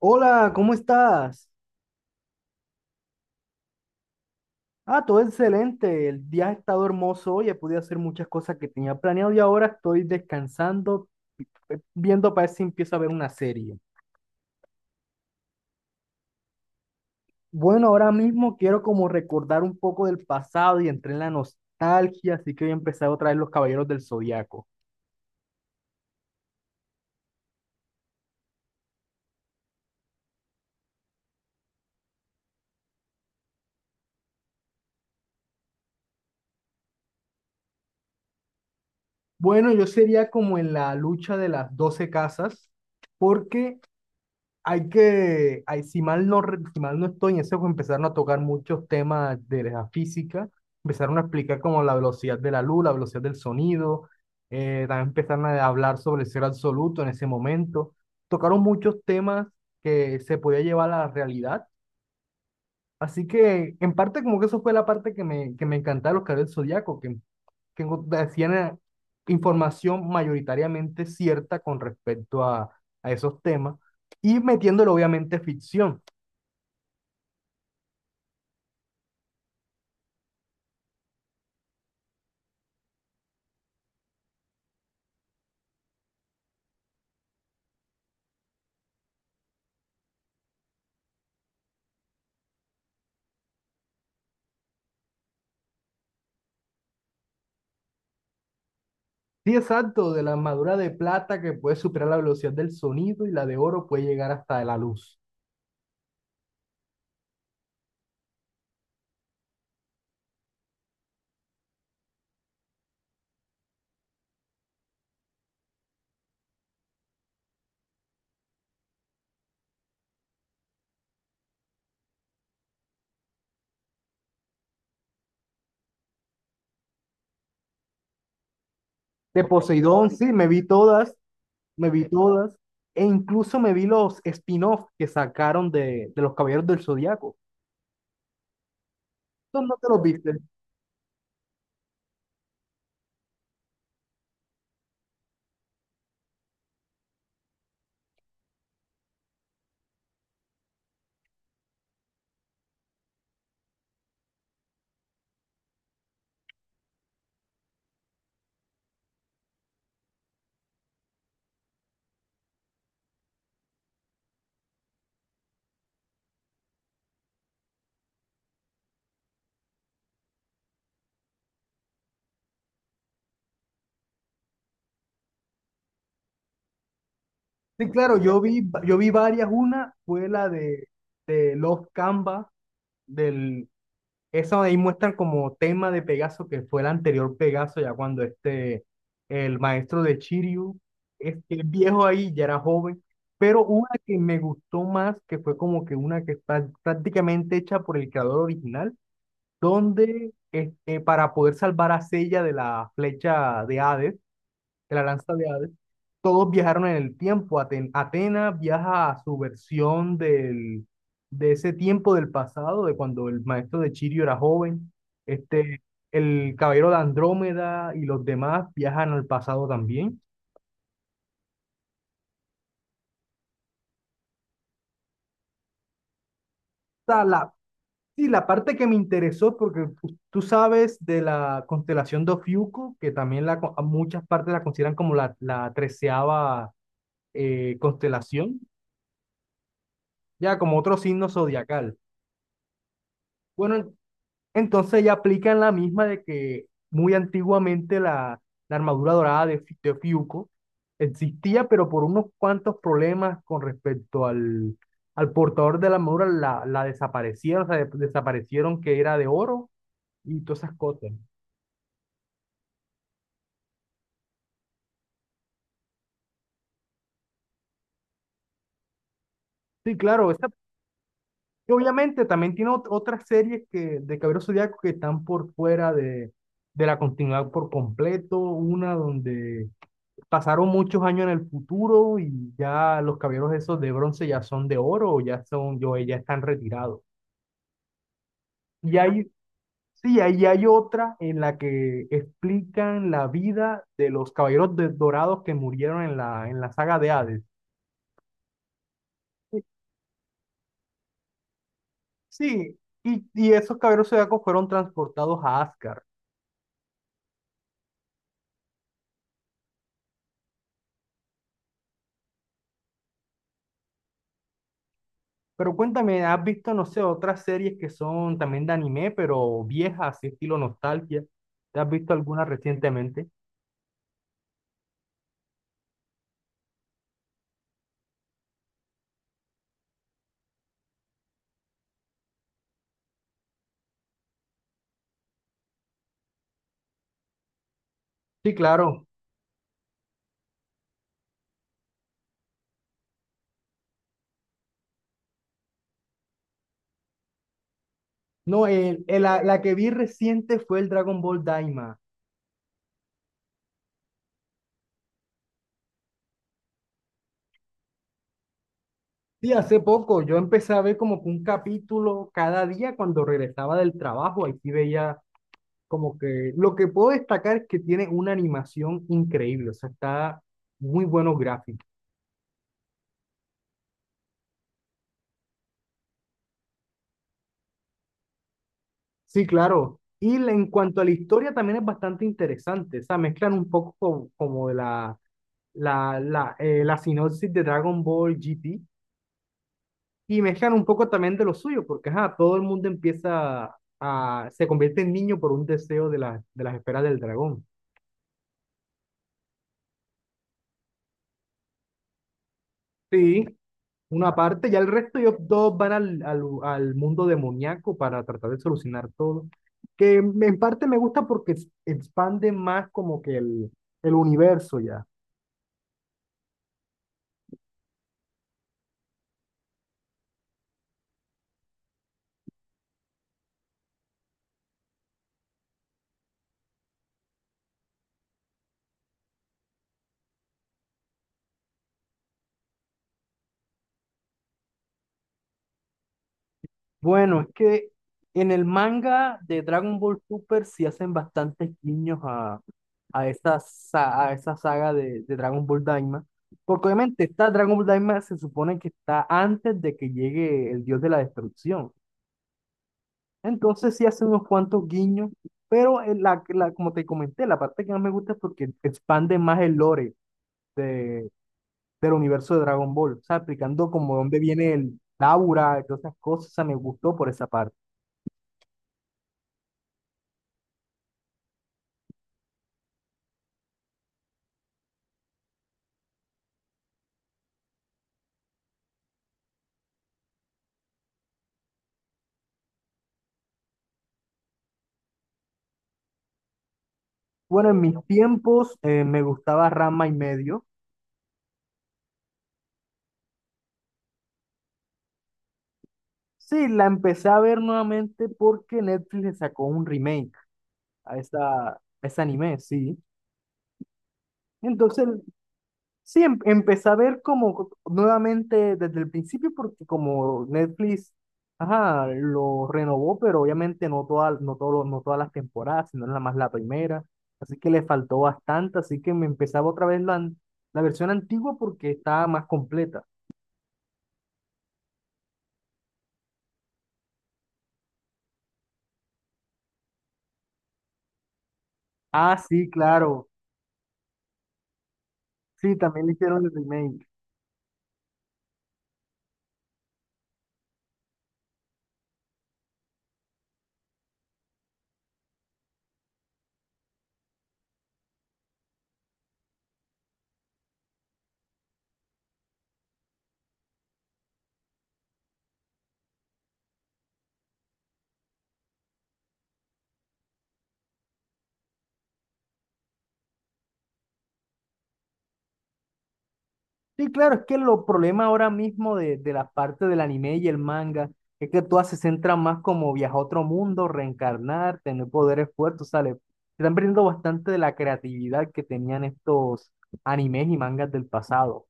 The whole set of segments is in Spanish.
Hola, ¿cómo estás? Ah, todo excelente. El día ha estado hermoso hoy. He podido hacer muchas cosas que tenía planeado y ahora estoy descansando, viendo para ver si empiezo a ver una serie. Bueno, ahora mismo quiero como recordar un poco del pasado y entré en la nostalgia, así que voy a empezar otra vez Los Caballeros del Zodiaco. Bueno, yo sería como en la lucha de las 12 casas, porque, si mal no estoy en ese juego, empezaron a tocar muchos temas de la física, empezaron a explicar como la velocidad de la luz, la velocidad del sonido, también empezaron a hablar sobre el ser absoluto en ese momento. Tocaron muchos temas que se podía llevar a la realidad. Así que, en parte, como que eso fue la parte que me encantaba de los Caballeros del Zodíaco, que decían, información mayoritariamente cierta con respecto a esos temas y metiéndole obviamente ficción. Sí, exacto, de la armadura de plata que puede superar la velocidad del sonido y la de oro puede llegar hasta la luz. De Poseidón, sí, me vi todas, e incluso me vi los spin-off que sacaron de los Caballeros del Zodiaco. Entonces no te los viste. Sí, claro, yo vi varias. Una fue la de Love Canva. del, Eso ahí muestran como tema de Pegaso, que fue el anterior Pegaso, ya cuando este, el maestro de Shiryu, este el viejo ahí ya era joven, pero una que me gustó más, que fue como que una que está prácticamente hecha por el creador original, donde este, para poder salvar a Seiya de la flecha de Hades, de la lanza de Hades, todos viajaron en el tiempo. Atenas viaja a su versión de ese tiempo del pasado, de cuando el maestro de Chirio era joven. Este, el caballero de Andrómeda y los demás viajan al pasado también. O sea, sí, la parte que me interesó, porque tú sabes de la constelación de Ofiuco, que también a muchas partes la consideran como la treceava constelación, ya como otro signo zodiacal. Bueno, entonces ya aplican la misma de que muy antiguamente la armadura dorada de Fiuco existía, pero por unos cuantos problemas con respecto al portador de la armadura la desaparecieron, o sea, desaparecieron que era de oro y todas esas cosas. Sí, claro, y obviamente también tiene otras series que, de Caballeros Zodiaco que están por fuera de la continuidad por completo, una donde pasaron muchos años en el futuro y ya los caballeros esos de bronce ya son de oro o ya están retirados. Y hay, sí, ahí hay otra en la que explican la vida de los caballeros dorados que murieron en la saga de Hades. Y- Sí, y esos caballeros zodiacos fueron transportados a Asgard. Pero cuéntame, ¿has visto, no sé, otras series que son también de anime, pero viejas, así estilo nostalgia? ¿Te has visto alguna recientemente? Sí, claro. No, la que vi reciente fue el Dragon Ball Daima. Sí, hace poco yo empecé a ver como que un capítulo cada día cuando regresaba del trabajo. Aquí veía como que lo que puedo destacar es que tiene una animación increíble, o sea, está muy buenos gráficos. Sí, claro. Y en cuanto a la historia también es bastante interesante, o sea, mezclan un poco como, de la sinopsis de Dragon Ball GT. Y mezclan un poco también de lo suyo, porque ajá, todo el mundo se convierte en niño por un deseo de las esferas del dragón. Sí, una parte, ya el resto ellos todos van al mundo demoníaco para tratar de solucionar todo. Que en parte me gusta porque expande más como que el universo ya. Bueno, es que en el manga de Dragon Ball Super sí hacen bastantes guiños a esa saga de Dragon Ball Daima. Porque obviamente esta Dragon Ball Daima se supone que está antes de que llegue el dios de la destrucción. Entonces sí hacen unos cuantos guiños, pero como te comenté, la parte que más me gusta es porque expande más el lore de, del universo de Dragon Ball. O sea, explicando como dónde viene el Daura y todas esas cosas. O sea, me gustó por esa parte. Bueno, en mis tiempos me gustaba Rama y medio. Sí, la empecé a ver nuevamente porque Netflix le sacó un remake a ese anime, sí. Entonces, sí, empecé a ver como nuevamente desde el principio porque como Netflix, ajá, lo renovó, pero obviamente no todas las temporadas, sino nada más la primera. Así que le faltó bastante, así que me empezaba otra vez la versión antigua porque estaba más completa. Ah, sí, claro. Sí, también le hicieron el remake. Sí, claro, es que lo problema ahora mismo de la parte del anime y el manga es que todas se centran más como viajar a otro mundo, reencarnar, tener poderes fuertes, ¿sale? Se están perdiendo bastante de la creatividad que tenían estos animes y mangas del pasado.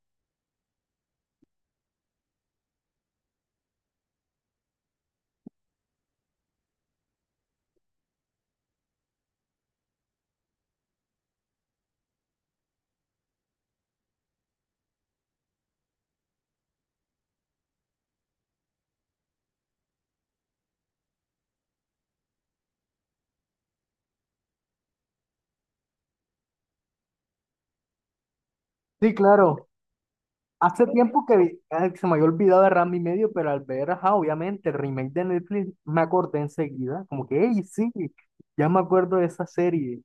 Sí, claro. Hace tiempo que se me había olvidado de Ranma y medio, pero al ver, ajá, obviamente, el remake de Netflix, me acordé enseguida, como que, hey, sí, ya me acuerdo de esa serie.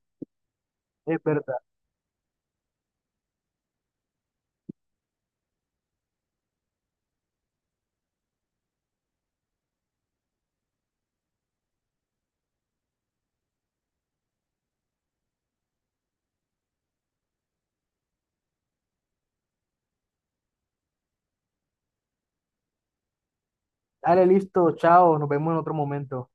Dale, listo, chao, nos vemos en otro momento.